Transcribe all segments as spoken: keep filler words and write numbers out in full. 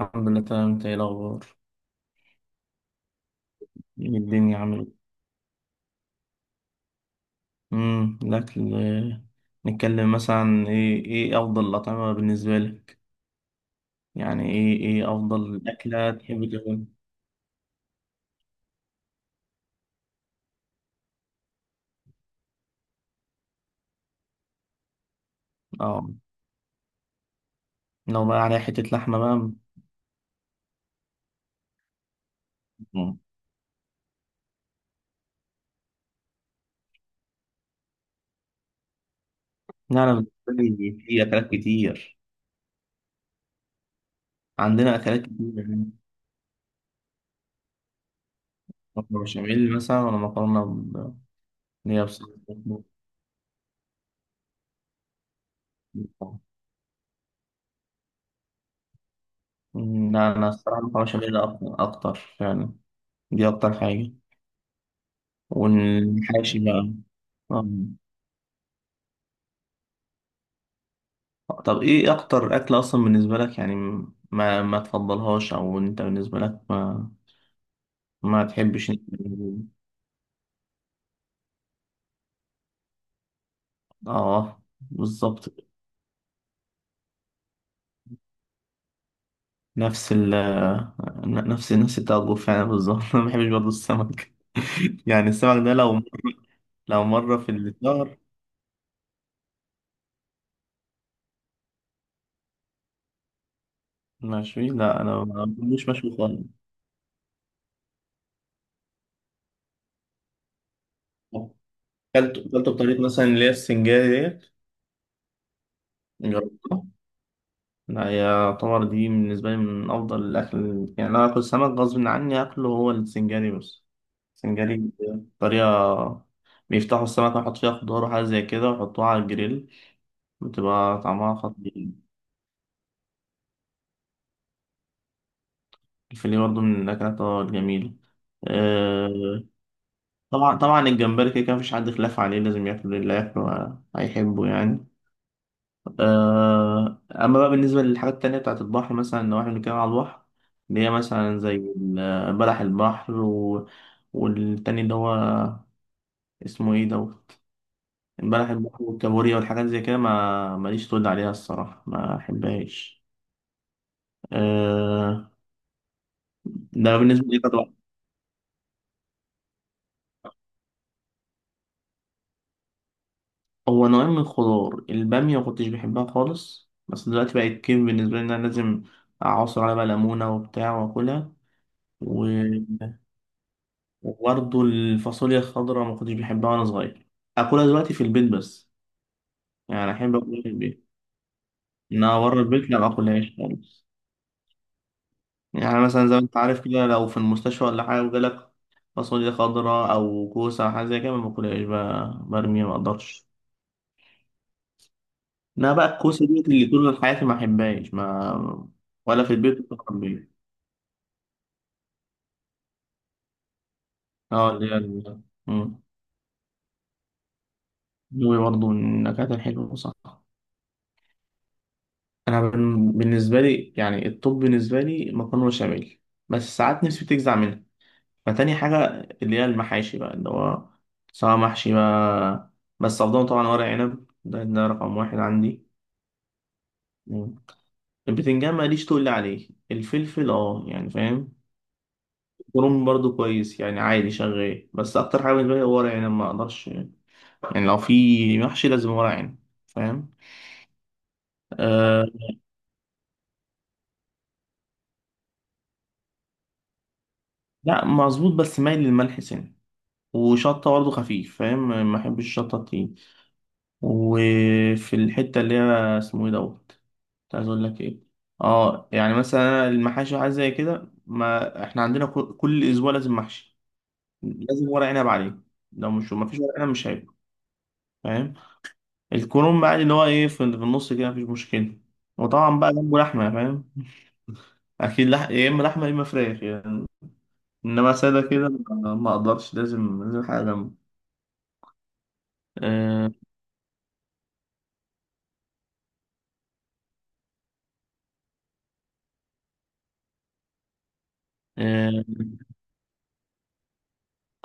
الحمد لله تمام. انت ايه الاخبار؟ ايه الدنيا عامل؟ امم الاكل آه، نتكلم مثلا عن ايه ايه افضل الاطعمه بالنسبه لك، يعني ايه ايه افضل اكله تحب تاكل؟ اه. لو بقى عليها حته لحمه بقى. مم. لا، انا بالنسبه لي في اكلات كتير، عندنا اكلات كتير يعني. مكرونه بشاميل مثلا ولا مكرونه ب- اللي هي بصلصه مخلوط. مم، لا انا الصراحه مكرونه بشاميل اكتر اكتر يعني، دي اكتر حاجه. والحاشي بقى. آه. طب ايه اكتر اكل اصلا بالنسبه لك يعني ما ما تفضلهاش، او انت بالنسبه لك ما ما تحبش إن- اه بالظبط. نفس ال نفس نفس بتاع الضيوف فعلا بالظبط. انا ما بحبش برضه السمك. يعني السمك ده لو لو مره في الشهر. مشوي لا انا ما بحبوش مشوي خالص. كلته كلته بطريقه مثلا اللي هي السنجاري ديت جربتها. لا، هي يعتبر دي بالنسبة لي من أفضل الأكل، يعني لو آكل سمك غصب عني آكله هو السنجاري بس. السنجاري طريقة بيفتحوا السمكة ويحط فيها خضار وحاجة زي كده ويحطوها على الجريل. بتبقى طعمها خطير. الفيليه برضه من الأكلات آه، الجميلة. آه، طبعا طبعا الجمبري كده كده مفيش حد خلاف عليه، لازم ياكله، اللي ياكله آه، هيحبه يعني. آه، أما بقى بالنسبة للحاجات التانية بتاعة البحر، مثلا لو إحنا بنتكلم على البحر، اللي هي مثلا زي ال- بلح البحر و... والتاني اللي هو اسمه إيه دوت، بلح البحر والكابوريا والحاجات زي كده، ما ماليش تقول عليها الصراحة، ما أحبهاش. أه... ده بالنسبة لي طبعا. هو نوعين من الخضار، البامية ما كنتش بحبها خالص، بس دلوقتي بقت كيف بالنسبة لي إن أنا لازم أعصر عليها بقى ليمونة وبتاع وأكلها. وبرضه الفاصوليا الخضراء ما كنتش بحبها وانا صغير. اكلها دلوقتي في البيت بس، يعني احب اكلها في البيت، انها بره البيت لا ما اكلهاش خالص. يعني مثلا زي ما انت عارف كده لو في المستشفى ولا حاجه وجالك فاصوليا خضراء او كوسه او حاجه زي كده ما باكلهاش، ب- برميها، ما اقدرش. انا بقى الكوسه دي اللي طول حياتي ما احبهاش ما، ولا في البيت ولا في البيت اه اللي هي ال- مم. دي برضه من النكهات الحلوه صح. انا بن- بالنسبه لي يعني الطب بالنسبه لي مكرونه بشاميل، بس ساعات نفسي بتجزع منها، فتاني حاجه اللي هي المحاشي بقى اللي هو سواء محشي بقى، بس افضل طبعا ورق عنب. ده, ده رقم واحد عندي. مم. البتنجان ماليش تقول عليه، الفلفل اه يعني فاهم، الكرنب برضو كويس يعني عادي شغال، بس اكتر حاجه بالنسبه لي هو ورق عنب، ما اقدرش يعني، لو في محشي لازم ورق عنب. فاهم. أه. لا مظبوط بس مايل للملح سنة، وشطة برضه خفيف فاهم، ما بحبش الشطة التقيل. وفي الحتة اللي هي اسمه ايه دوت كنت عايز اقول لك ايه. اه يعني مثلا أنا المحاشي وحاجات زي كده، ما احنا عندنا كل كل اسبوع لازم محشي، لازم ورق عنب عليه، لو مش ما فيش ورق عنب مش هيبقى. فاهم. الكرنب بقى اللي هو ايه في في النص كده مفيش مشكلة. وطبعا بقى جنبه لحمة فاهم، أكيد لح... يا إما لحمة يا إما فراخ يعني. إنما سادة كده ما ما أقدرش، لازم لازم حاجة جنبه. آه، آه.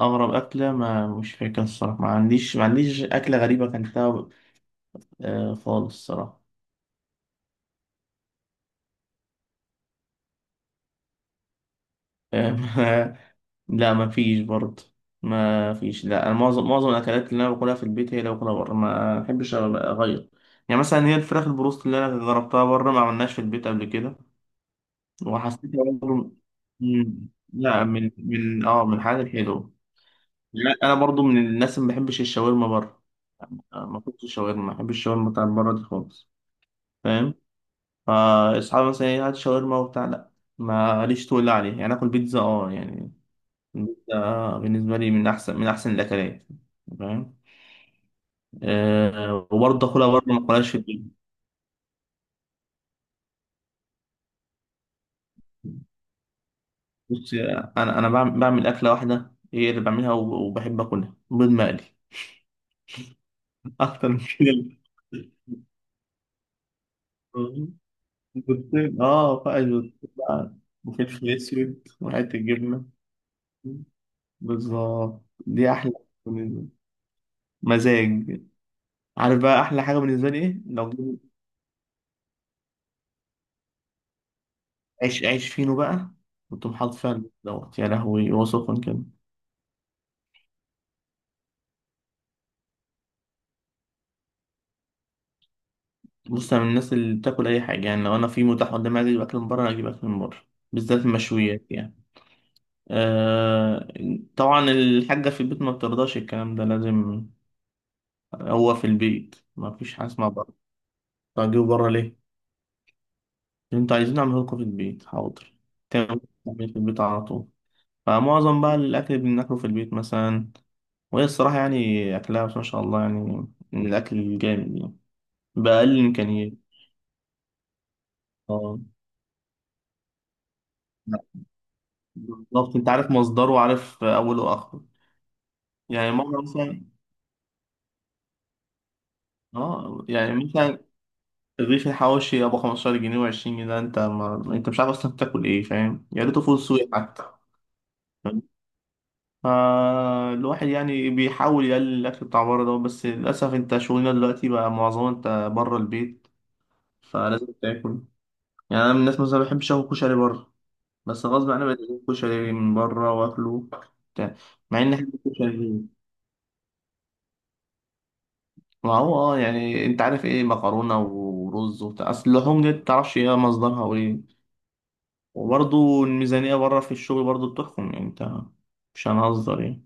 أغرب أكلة ما مش فاكر الصراحة، ما عنديش ما عنديش أكلة غريبة أكلتها آه خالص الصراحة. آه، لا ما فيش برضه ما فيش. لا، أنا معظم معظم الأكلات اللي أنا باكلها في البيت هي اللي باكلها بره، ما أحبش أغير. يعني مثلا هي الفراخ البروست اللي أنا جربتها بره ما عملناش في البيت قبل كده. وحسيت برضه. مم، لا، من من اه من الحاجات الحلوة. لا أنا برضه من الناس اللي ما بحبش الشاورما بره. آه، ما كنتش شاورما، ما بحبش الشاورما بتاعت بره دي خالص. فاهم. فاصحابي مثلا ايه هات شاورما وبتاع، لا. ماليش تقول عليه، يعني اكل بيتزا اه يعني، البيتزا بالنسبه لي من احسن من احسن الاكلات. فاهم. أه. وبرضه اكلها برضه ما اكلهاش في البيت. بص، انا انا بعمل, بعمل اكله واحده هي اللي بعملها وب- وبحب اكلها، بيض مقلي. اكتر من كده بيضتين اه، فقط بيضتين بقى، وفلفل اسود وحته جبنه. بالظبط دي احلى بالنسبة لي. مزاج. عارف بقى احلى حاجه بالنسبه لي ايه؟ لو عيش عيش فينو بقى، وتقوم حاطط فيها البيض دوت يا لهوي وصفا كده. بص انا من الناس اللي بتاكل اي حاجه، يعني لو انا في متاح قدامي عايز اجيب اكل من بره أنا اجيب اكل من بره، بالذات المشويات يعني. آه. طبعا الحاجه في البيت ما بترضاش الكلام ده، لازم. هو في البيت ما فيش حاجه اسمها بره. طب اجيبه بره ليه؟ انتوا عايزين نعمله لكم في البيت، حاضر. تعمل تعمل في البيت على طول. فمعظم بقى الاكل اللي بناكله في البيت مثلا، وهي الصراحه يعني اكلها بس ما شاء الله يعني من الاكل الجامد يعني. بأقل الإمكانيات. اه. لا. بالظبط أنت عارف مصدره وعارف أوله وآخره. يعني مرة مثلا. اه يعني مثلا الرغيف الحواوشي أبو خمسة عشر جنيه و20 جنيه ده أنت ما... أنت مش عارف أصلا بتاكل إيه فاهم، يا ريته فول سوري حتى. فاهم؟ فالواحد يعني بيحاول يقلل الأكل بتاع بره ده، بس للأسف أنت شغلنا دلوقتي بقى معظمه أنت بره البيت، فلازم تاكل. يعني أنا من الناس مثلا ما بحبش آكل كشري بره، بس غصب عني بقيت آكل كشري من بره وآكله بتاع. مع إن أحب الكشري. ما هو اه يعني انت عارف ايه مكرونه ورز وبتاع، اصل اللحوم دي متعرفش ايه مصدرها وايه. وبرضه الميزانيه بره في الشغل برضه بتحكم يعني انت، مش هنهزر يعني.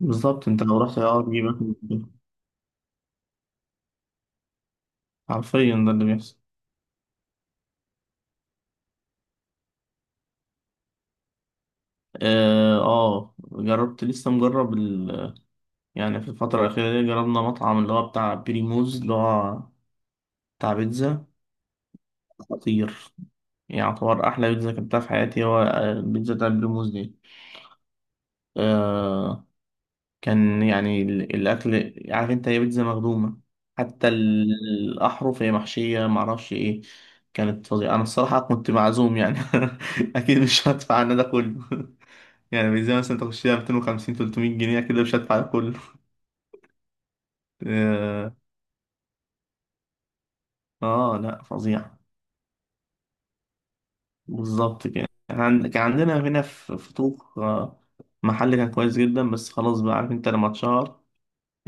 بالظبط. انت لو رحت اه تجيب اكل من بره. حرفيا ده اللي بيحصل. اه آه، جربت. لسه مجرب ال... يعني في الفتره الاخيره دي جربنا مطعم اللي هو بتاع بريموز اللي هو بتاع بيتزا. خطير. يعني يعتبر احلى بيتزا كلتها في حياتي هو آه، البيتزا بتاع بريموز دي. آه، كان يعني ال- الأكل عارف أنت، هي بيتزا مخدومة، حتى ال- الأحرف هي محشية معرفش إيه. كانت فظيعة. أنا الصراحة كنت معزوم يعني. أكيد مش هدفع أنا ده كله. يعني بيتزا مثلا تخشيها ميتين وخمسين تلت ميه جنيه كده، مش هدفع ده كله. آه. آه، لأ فظيع. بالظبط كده. إحنا عند- كان عندنا هنا في في طوق آه، محل كان كويس جدا، بس خلاص بقى عارف أنت لما اتشهر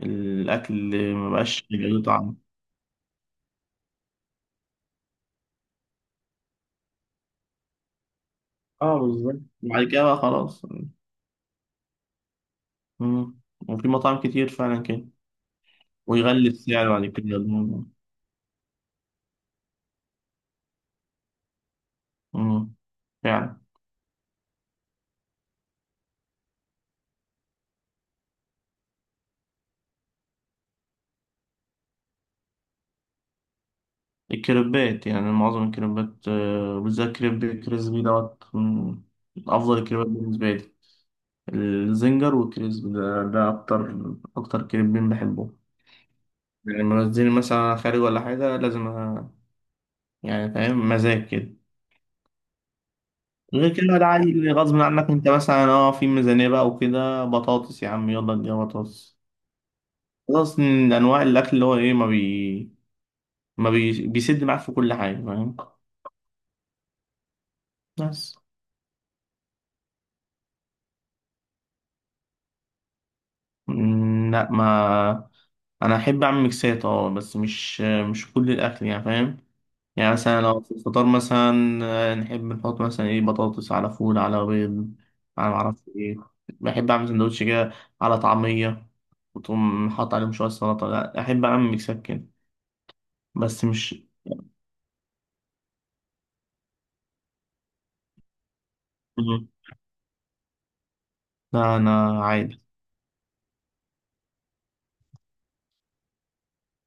الأكل مبقاش له طعم. اه بالظبط، بعد كده بقى خلاص. مم. وفي مطاعم كتير فعلا كده. ويغلي السعر بعد كده. مم. مم. فعلا. الكريبات يعني معظم الكريبات آه، بالذات كريب كريسبي دوت من أفضل الكريبات بالنسبة لي. الزنجر والكريسبي ده, ده أكتر أكتر كريبين بحبهم. يعني لما بنزل مثلا خارج ولا حاجة لازم أ- يعني فاهم، مزاج كده. غير كده لا، عادي اللي غصب عنك انت مثلا اه في ميزانية بقى وكده، بطاطس يا عم يلا اديها بطاطس. خلاص، من أنواع الأكل اللي هو إيه ما بي ما بي... بيسد معاك في كل حاجة فاهم، بس. مم، لا ما أنا أحب أعمل ميكسات أه، بس مش مش كل الأكل يعني فاهم. يعني مثلا لو في الفطار مثلا آه، نحب نحط مثلا إيه بطاطس على فول على بيض على معرفش إيه، بحب أعمل سندوتش كده على طعمية، وتقوم حاطط عليهم شوية سلطة. لا أحب أعمل ميكسات كده، بس مش. مم. لا أنا عادي.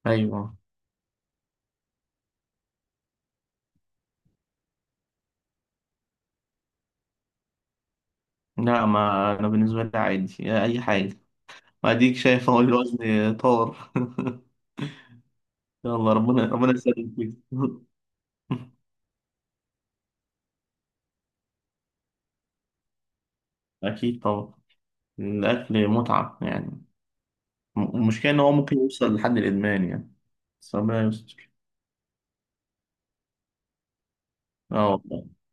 أيوه. لا ما أنا بالنسبة لي عادي أي حاجة. وأديك شايف أهو الوزن طار. يلا، ربنا ربنا يسلمك فيك. أكيد طبعا. الأكل متعة يعني. المشكلة إن هو ممكن يوصل لحد الإدمان يعني، بس ربنا يستر. اه والله